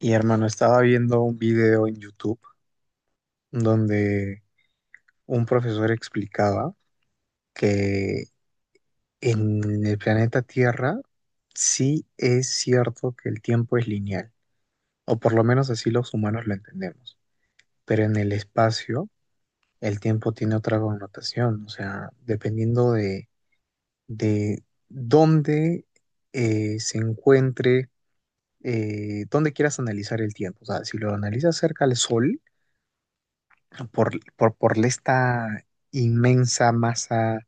Y hermano, estaba viendo un video en YouTube donde un profesor explicaba que en el planeta Tierra sí es cierto que el tiempo es lineal, o por lo menos así los humanos lo entendemos, pero en el espacio el tiempo tiene otra connotación, o sea, dependiendo de dónde se encuentre, dónde quieras analizar el tiempo, o sea, si lo analizas cerca al Sol, por esta inmensa masa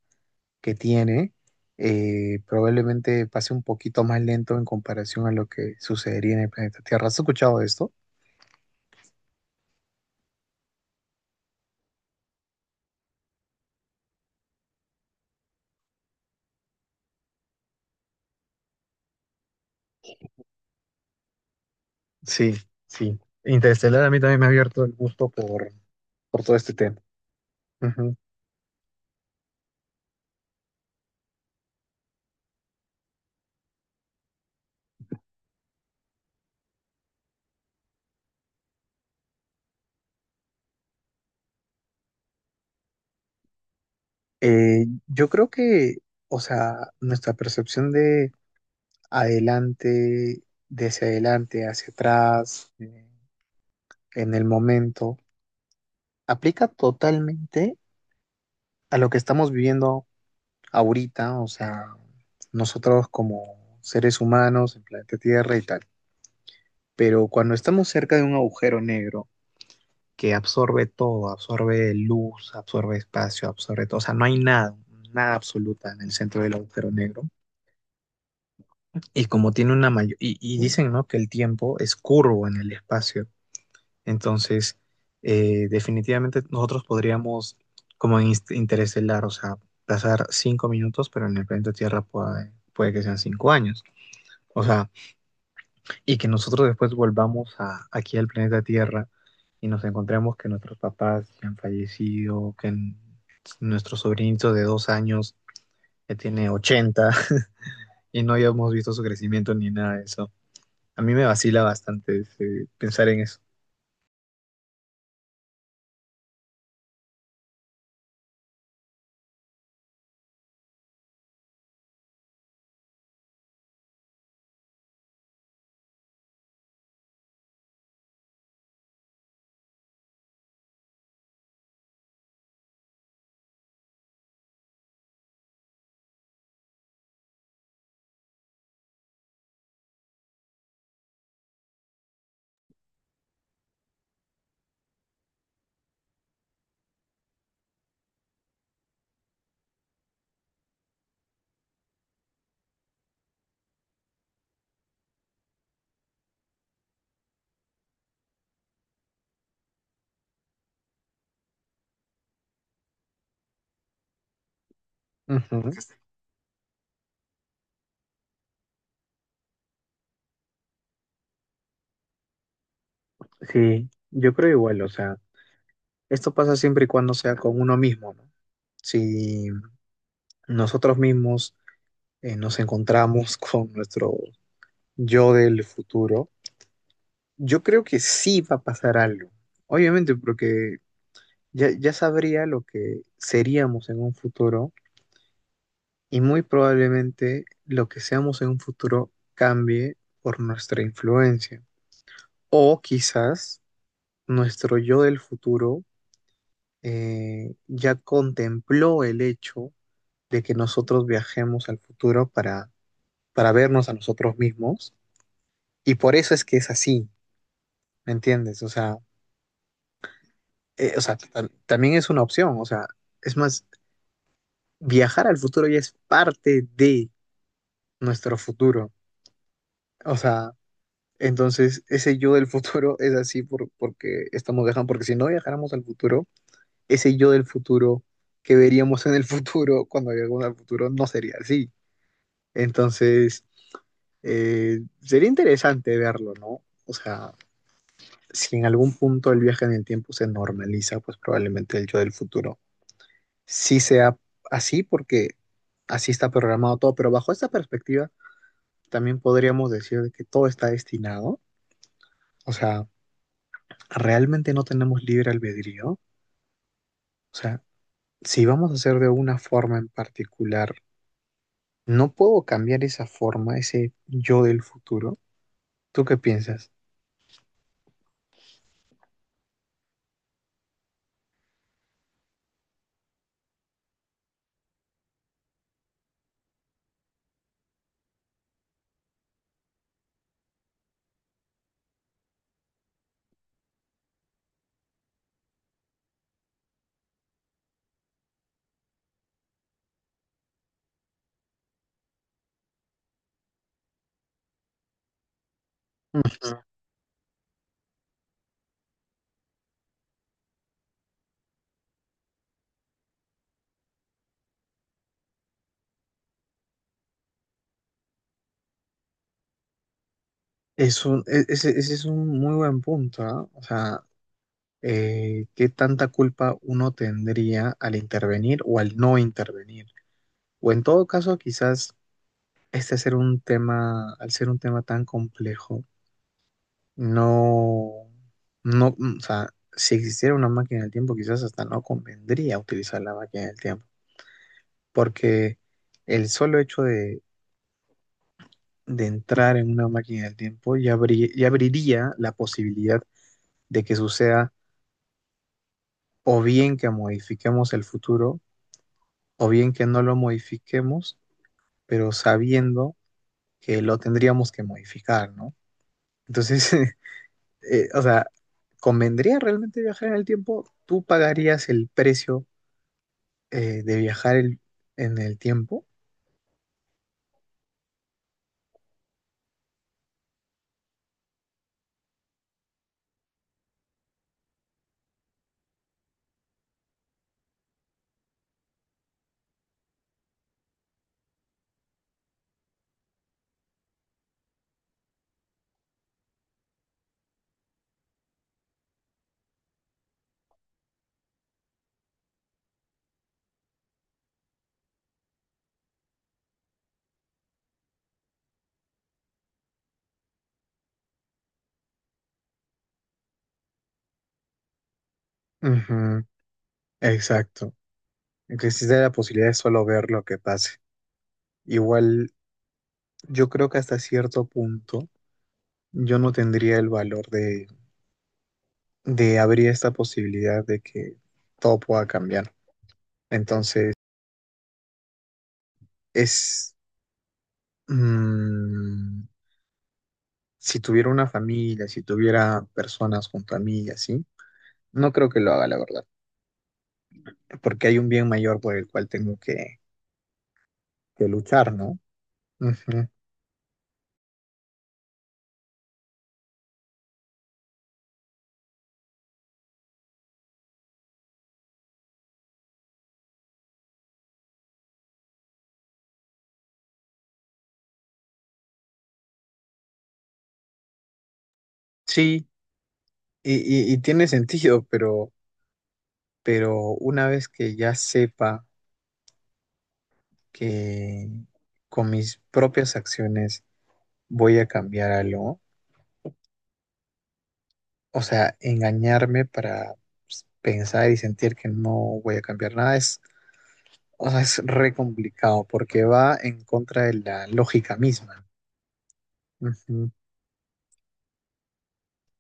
que tiene, probablemente pase un poquito más lento en comparación a lo que sucedería en el planeta Tierra. ¿Has escuchado esto? Sí, sí. Interestelar a mí también me ha abierto el gusto por todo este tema. Ujú. Yo creo o sea, nuestra percepción de adelante, de hacia adelante, hacia atrás, en el momento, aplica totalmente a lo que estamos viviendo ahorita, o sea, nosotros como seres humanos en planeta Tierra y tal. Pero cuando estamos cerca de un agujero negro que absorbe todo, absorbe luz, absorbe espacio, absorbe todo, o sea, no hay nada, nada absoluta en el centro del agujero negro. Y como tiene una mayor, y dicen, ¿no? Que el tiempo es curvo en el espacio. Entonces, definitivamente nosotros podríamos, como en interestelar, o sea, pasar 5 minutos, pero en el planeta Tierra puede que sean 5 años. O sea, y que nosotros después volvamos a, aquí al planeta Tierra y nos encontremos que nuestros papás ya han fallecido, que nuestro sobrinito de 2 años ya tiene 80 y no hayamos visto su crecimiento ni nada de eso. A mí me vacila bastante pensar en eso. Ujú. Sí, yo creo igual, o sea, esto pasa siempre y cuando sea con uno mismo, ¿no? Si nosotros mismos nos encontramos con nuestro yo del futuro, yo creo que sí va a pasar algo. Obviamente, porque ya sabría lo que seríamos en un futuro y muy probablemente lo que seamos en un futuro cambie por nuestra influencia. O quizás nuestro yo del futuro ya contempló el hecho de que nosotros viajemos al futuro para vernos a nosotros mismos y por eso es que es así, ¿me entiendes? O sea, también es una opción, o sea, es más, viajar al futuro ya es parte de nuestro futuro. O sea, entonces ese yo del futuro es así porque estamos viajando, porque si no viajáramos al futuro, ese yo del futuro que veríamos en el futuro cuando lleguemos al futuro no sería así. Entonces, sería interesante verlo, ¿no? O sea, si en algún punto el viaje en el tiempo se normaliza, pues probablemente el yo del futuro sí sea así porque así está programado todo, pero bajo esta perspectiva también podríamos decir de que todo está destinado. O sea, realmente no tenemos libre albedrío. O sea, si vamos a hacer de una forma en particular, no puedo cambiar esa forma, ese yo del futuro. ¿Tú qué piensas? Ujú. Es un, ese es un muy buen punto, ¿ah? O sea, ¿qué tanta culpa uno tendría al intervenir o al no intervenir? O en todo caso, quizás al ser un tema tan complejo, no, no, o sea, si existiera una máquina del tiempo, quizás hasta no convendría utilizar la máquina del tiempo, porque el solo hecho de entrar en una máquina del tiempo ya, ya abriría la posibilidad de que suceda o bien que modifiquemos el futuro, o bien que no lo modifiquemos, pero sabiendo que lo tendríamos que modificar, ¿no? Entonces, o sea, ¿convendría realmente viajar en el tiempo? ¿Tú pagarías el precio? De viajar en el tiempo. Ujú, exacto. Existe la posibilidad de solo ver lo que pase. Igual, yo creo que hasta cierto punto yo no tendría el valor de abrir esta posibilidad de que todo pueda cambiar. Entonces, es... mm, si tuviera una familia, si tuviera personas junto a mí y así, no creo que lo haga, la verdad. Porque hay un bien mayor por el cual tengo que luchar, ¿no? Ujú. Sí, Y, y tiene sentido, pero una vez que ya sepa que con mis propias acciones voy a cambiar algo, o sea, engañarme para, pues, pensar y sentir que no voy a cambiar nada es, o sea, es re complicado porque va en contra de la lógica misma. Ujú.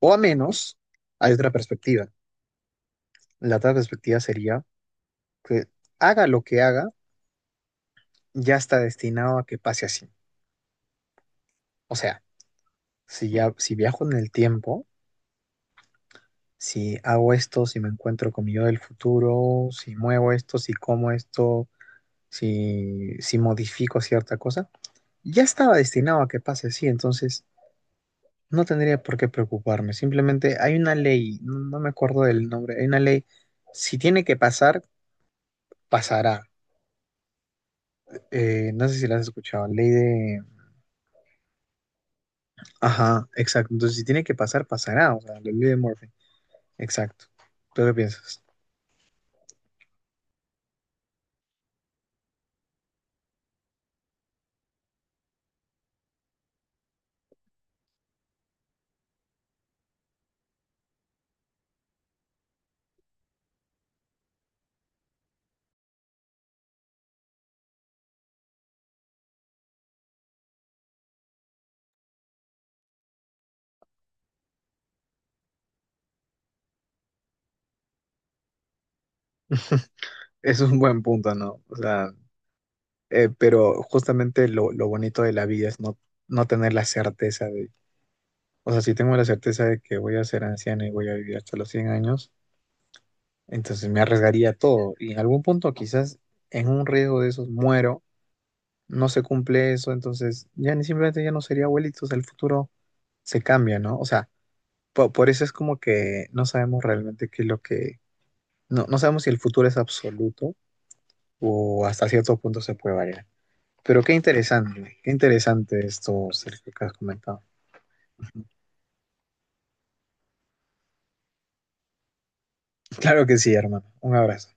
O a menos, hay otra perspectiva. La otra perspectiva sería que haga lo que haga, ya está destinado a que pase así. O sea, Si ya, si viajo en el tiempo, si hago esto, si me encuentro con mi yo del futuro, si muevo esto, si como esto, si modifico cierta cosa, ya estaba destinado a que pase así, entonces no tendría por qué preocuparme. Simplemente hay una ley, no me acuerdo del nombre, hay una ley, si tiene que pasar, pasará. No sé si la has escuchado, ley de... Ajá, exacto. Entonces, si tiene que pasar, pasará, o sea, la ley de Murphy. Exacto. ¿Tú qué piensas? Eso es un buen punto, ¿no? O sea, pero justamente lo bonito de la vida es no, no tener la certeza de, o sea, si tengo la certeza de que voy a ser anciano y voy a vivir hasta los 100 años, entonces me arriesgaría todo. Y en algún punto quizás en un riesgo de esos muero, no se cumple eso, entonces ya ni simplemente ya no sería abuelito, o sea, el futuro se cambia, ¿no? O sea, por eso es como que no sabemos realmente qué es lo que, no sabemos si el futuro es absoluto o hasta cierto punto se puede variar. Pero qué interesante esto, Sergio, que has comentado. Claro que sí, hermano. Un abrazo.